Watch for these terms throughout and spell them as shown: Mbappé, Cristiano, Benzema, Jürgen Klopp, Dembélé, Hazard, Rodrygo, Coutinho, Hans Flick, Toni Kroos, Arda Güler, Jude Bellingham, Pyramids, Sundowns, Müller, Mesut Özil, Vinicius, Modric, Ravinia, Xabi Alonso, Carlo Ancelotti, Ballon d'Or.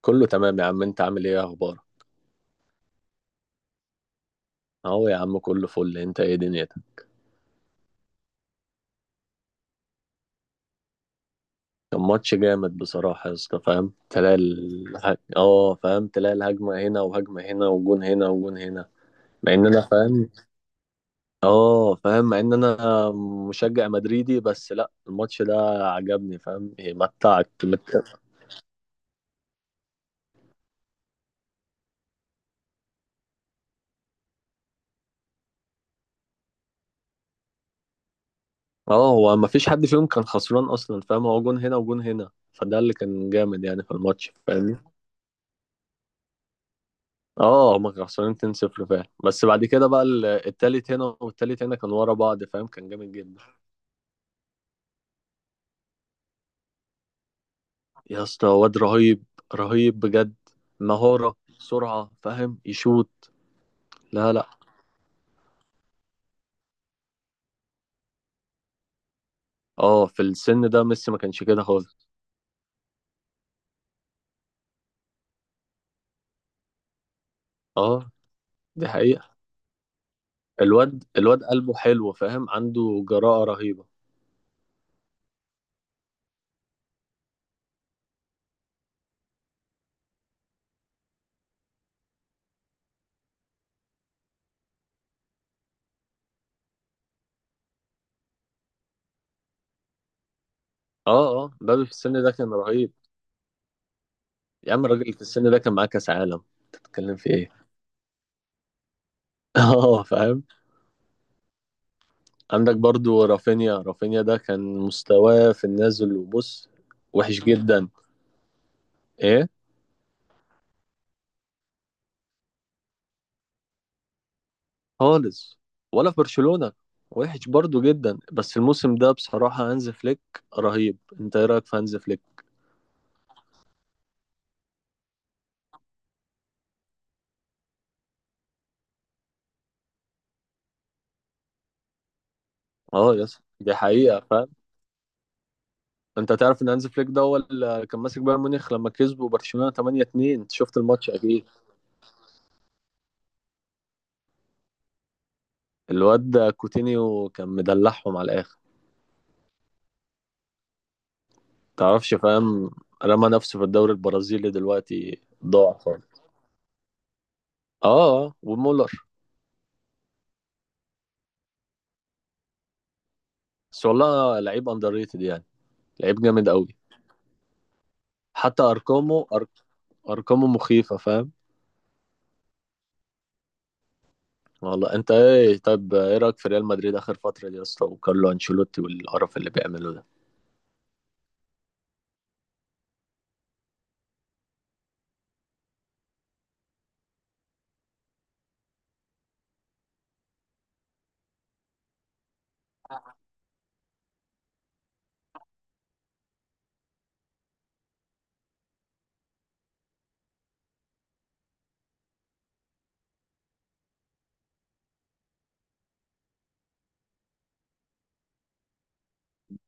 كله تمام يا عم. انت عامل ايه؟ إيه اخبارك؟ اهو يا عم كله فل. انت ايه دنيتك؟ كان ماتش جامد بصراحة يا اسطى، فاهم، تلاقي الهجمة هنا وهجمة هنا وجون هنا وجون هنا، مع ان انا فاهم. اه فاهم، مع ان انا مشجع مدريدي بس لا الماتش ده عجبني، فاهم ايه اه، هو ما فيش حد فيهم كان خسران اصلا، فاهم، هو جون هنا وجون هنا، فده اللي كان جامد يعني في الماتش فاهم. اه هما كانوا خسرانين 2-0 فعلا، بس بعد كده بقى التالت هنا والتالت هنا، كانوا ورا بعض، فاهم، كان جامد جدا. يا اسطى واد رهيب، رهيب بجد. مهارة، سرعة، فاهم، يشوط. لا. اه في السن ده ميسي ما كانش كده خالص. اه دي حقيقة. الواد قلبه حلو، فاهم، عنده جراءة رهيبة. اه مبابي في السن ده كان رهيب. يا عم الراجل في السن ده كان معاه كأس عالم، تتكلم في ايه؟ اه فاهم. عندك برضو رافينيا، رافينيا ده كان مستواه في النازل وبص، وحش جدا. ايه؟ خالص، ولا في برشلونة، وحش برضو جدا. بس الموسم ده بصراحة هانز فليك رهيب. انت ايه رأيك في هانز فليك؟ اه يس، دي حقيقة فاهم. انت تعرف ان هانز فليك ده هو اللي كان ماسك بايرن ميونخ لما كسبوا برشلونة 8-2؟ انت شفت الماتش اكيد. الواد ده كوتينيو كان مدلعهم على الاخر. تعرفش فاهم، رمى نفسه في الدوري البرازيلي دلوقتي ضاع خالص. اه ومولر. بس والله لعيب اندر ريتد يعني، لعيب جامد قوي. حتى ارقامه مخيفه فاهم. والله انت ايه؟ طيب ايه رايك في ريال مدريد اخر فتره دي يا اسطى، وكارلو انشيلوتي والقرف اللي بيعمله ده؟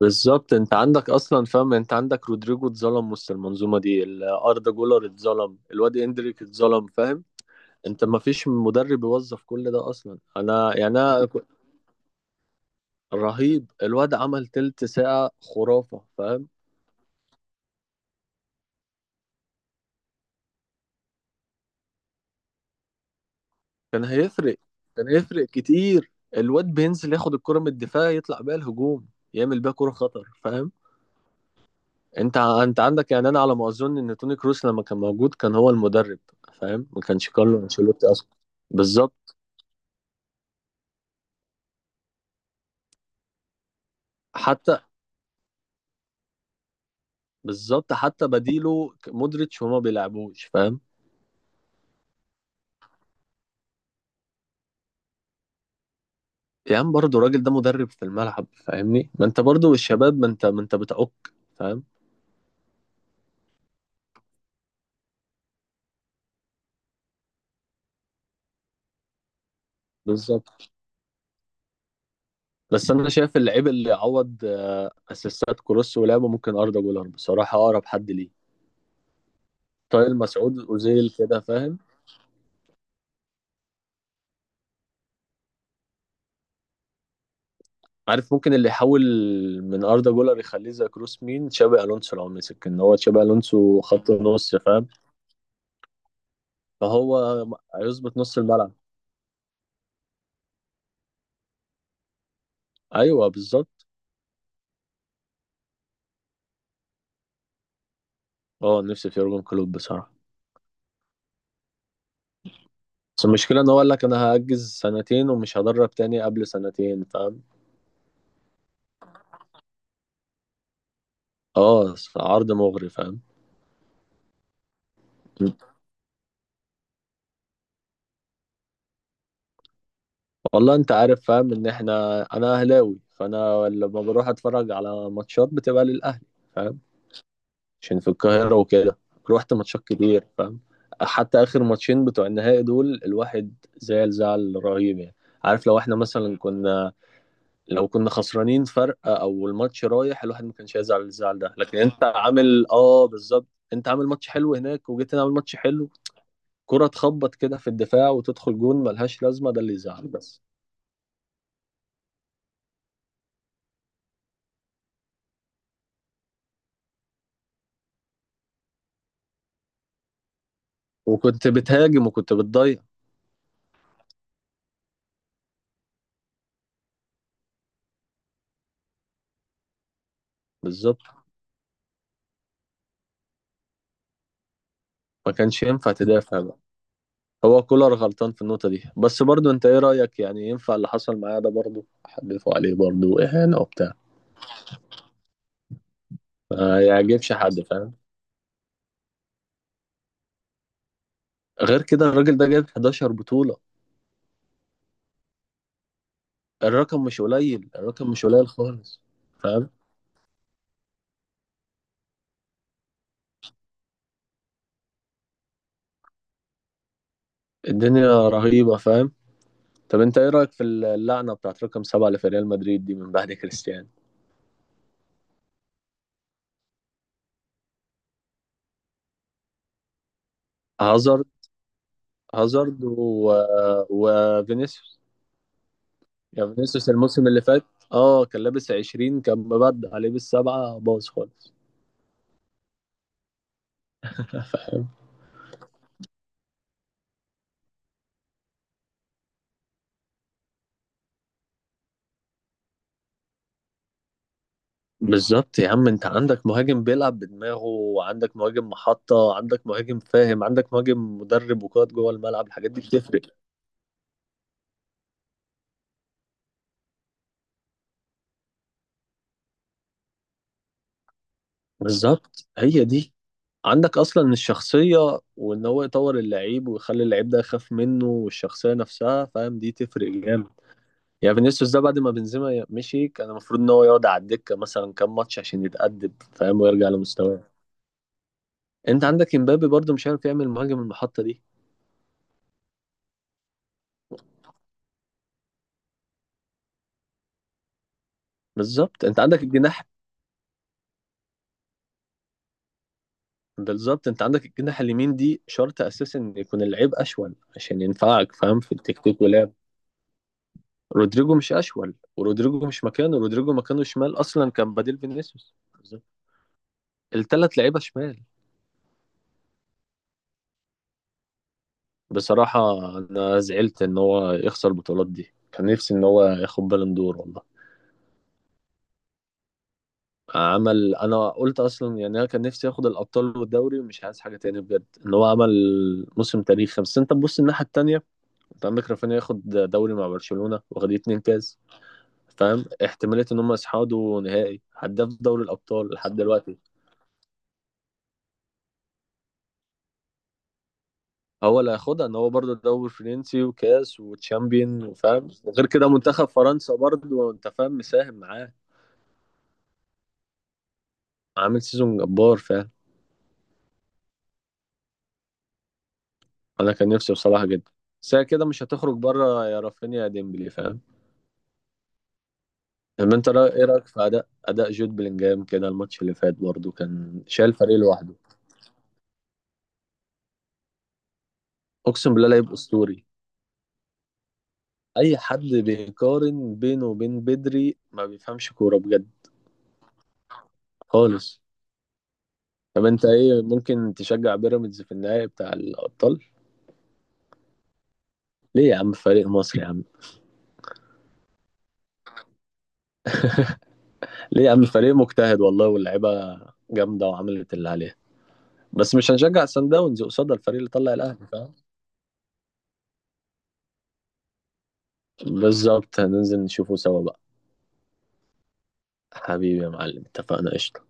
بالظبط، انت عندك اصلا، فاهم، انت عندك رودريجو اتظلم وسط المنظومه دي، اردا جولر اتظلم، الواد اندريك اتظلم، فاهم. انت ما فيش مدرب يوظف كل ده اصلا. انا يعني رهيب الواد، عمل تلت ساعه خرافه فاهم. كان هيفرق، كان هيفرق كتير. الواد بينزل ياخد الكرة من الدفاع يطلع بيها الهجوم، يعمل بيها كرة خطر فاهم. انت عندك يعني انا على ما اظن ان توني كروس لما كان موجود كان هو المدرب، فاهم، ما كانش كارلو انشيلوتي اصلا. بالظبط. حتى بالظبط، حتى مودريتش وما بيلعبوش فاهم. يا عم برضه الراجل ده مدرب في الملعب فاهمني، ما انت برضه الشباب، ما انت بتعك فاهم. بالظبط، بس انا شايف اللعيب اللي عوض اسيستات كروس ولعبه ممكن اردا جولر بصراحه اقرب حد ليه. طاهر مسعود، اوزيل كده فاهم. عارف، ممكن اللي يحول من اردا جولر يخليه زي كروس مين؟ تشابي الونسو، لو مسك ان هو تشابي الونسو خط نص فاهم، فهو هيظبط نص الملعب. ايوه بالظبط. اه نفسي في يورجن كلوب بصراحه. بس المشكله ان هو قال لك انا هاجز سنتين ومش هدرب تاني قبل سنتين فاهم. اه عرض مغري فاهم. والله انت عارف، فاهم، ان احنا انا اهلاوي، فانا لما بروح اتفرج على ماتشات بتبقى للاهلي فاهم. عشان في القاهره وكده، روحت ماتشات كتير فاهم. حتى اخر ماتشين بتوع النهائي دول الواحد زعل زعل رهيب يعني. عارف، لو احنا مثلا كنا، لو كنا خسرانين فرق او الماتش رايح، الواحد ما كانش هيزعل الزعل ده. لكن انت عامل، اه بالظبط. انت عامل ماتش حلو هناك، وجيت هنا عامل ماتش حلو. كرة تخبط كده في الدفاع وتدخل جون ملهاش لازمة، ده اللي يزعل بس. وكنت بتهاجم وكنت بتضيع، بالظبط. ما كانش ينفع تدافع بقى. هو كولر غلطان في النقطة دي، بس برضو انت ايه رأيك؟ يعني ينفع اللي حصل معاه ده؟ برضو حدفوا عليه، برضو اهانة وبتاع. ما يعجبش حد فاهم. غير كده الراجل ده جايب 11 بطولة، الرقم مش قليل، الرقم مش قليل خالص فاهم. الدنيا رهيبة فاهم. طب انت ايه رأيك في اللعنة بتاعت رقم سبعة اللي في ريال مدريد دي من بعد كريستيانو؟ هازارد، هازارد و... وفينيسيوس. يعني فينيسيوس الموسم اللي فات، اه، كان لابس 20 كان مبدع، لابس سبعة باظ خالص. فاهم. بالظبط يا عم، انت عندك مهاجم بيلعب بدماغه، وعندك مهاجم محطة، عندك مهاجم، فاهم، عندك مهاجم مدرب وقائد جوه الملعب، الحاجات دي بتفرق. بالظبط، هي دي. عندك اصلا الشخصية، وان هو يطور اللعيب ويخلي اللعيب ده يخاف منه، والشخصية نفسها فاهم دي تفرق جامد. يعني فينيسيوس ده بعد ما بنزيما مشي كان المفروض ان هو يقعد على الدكة مثلا كام ماتش عشان يتأدب فاهم، ويرجع لمستواه. انت عندك امبابي برضو مش عارف يعمل مهاجم المحطة دي. بالظبط انت عندك الجناح. بالظبط انت عندك الجناح اليمين دي، شرط اساسا ان يكون اللعيب اشول عشان ينفعك فاهم في التكتيك ولعب. رودريجو مش اشول، ورودريجو مش مكانه، رودريجو مكانه شمال، اصلا كان بديل فينيسيوس بالظبط. الثلاث لعيبة شمال. بصراحة، انا زعلت ان هو يخسر البطولات دي، كان نفسي ان هو ياخد بالون دور والله. عمل، انا قلت اصلا يعني، انا كان نفسي ياخد الابطال والدوري ومش عايز حاجه تاني بجد، ان هو عمل موسم تاريخي. بس انت تبص الناحيه التانيه، انت عندك رافينيا ياخد دوري مع برشلونه، واخد اتنين كاس، فاهم، احتماليه ان هم يصعدوا نهائي، هداف دوري الابطال لحد دلوقتي. هو اللي هياخدها، ان هو برضه الدوري الفرنسي وكاس وتشامبيون وفاهم، وغير كده منتخب فرنسا برضه انت فاهم مساهم معاه. عامل سيزون جبار فاهم. انا كان نفسي بصراحه جدا. بس هي كده مش هتخرج بره، يا رافينيا يا ديمبلي فاهم. طب انت ايه رايك في اداء جود بلينجهام كده؟ الماتش اللي فات برضه كان شايل فريق لوحده. اقسم بالله لعيب اسطوري. اي حد بيقارن بينه وبين بدري ما بيفهمش كوره بجد، خالص. طب انت ايه؟ ممكن تشجع بيراميدز في النهائي بتاع الابطال؟ ليه يا عم؟ فريق مصري يا عم. ليه يا عم؟ فريق مجتهد والله، واللعيبه جامده وعملت اللي عليها، بس مش هنشجع سان داونز قصاد الفريق اللي طلع الاهلي فاهم. بالظبط، هننزل نشوفه سوا بقى. حبيبي يا معلم، اتفقنا، قشطة.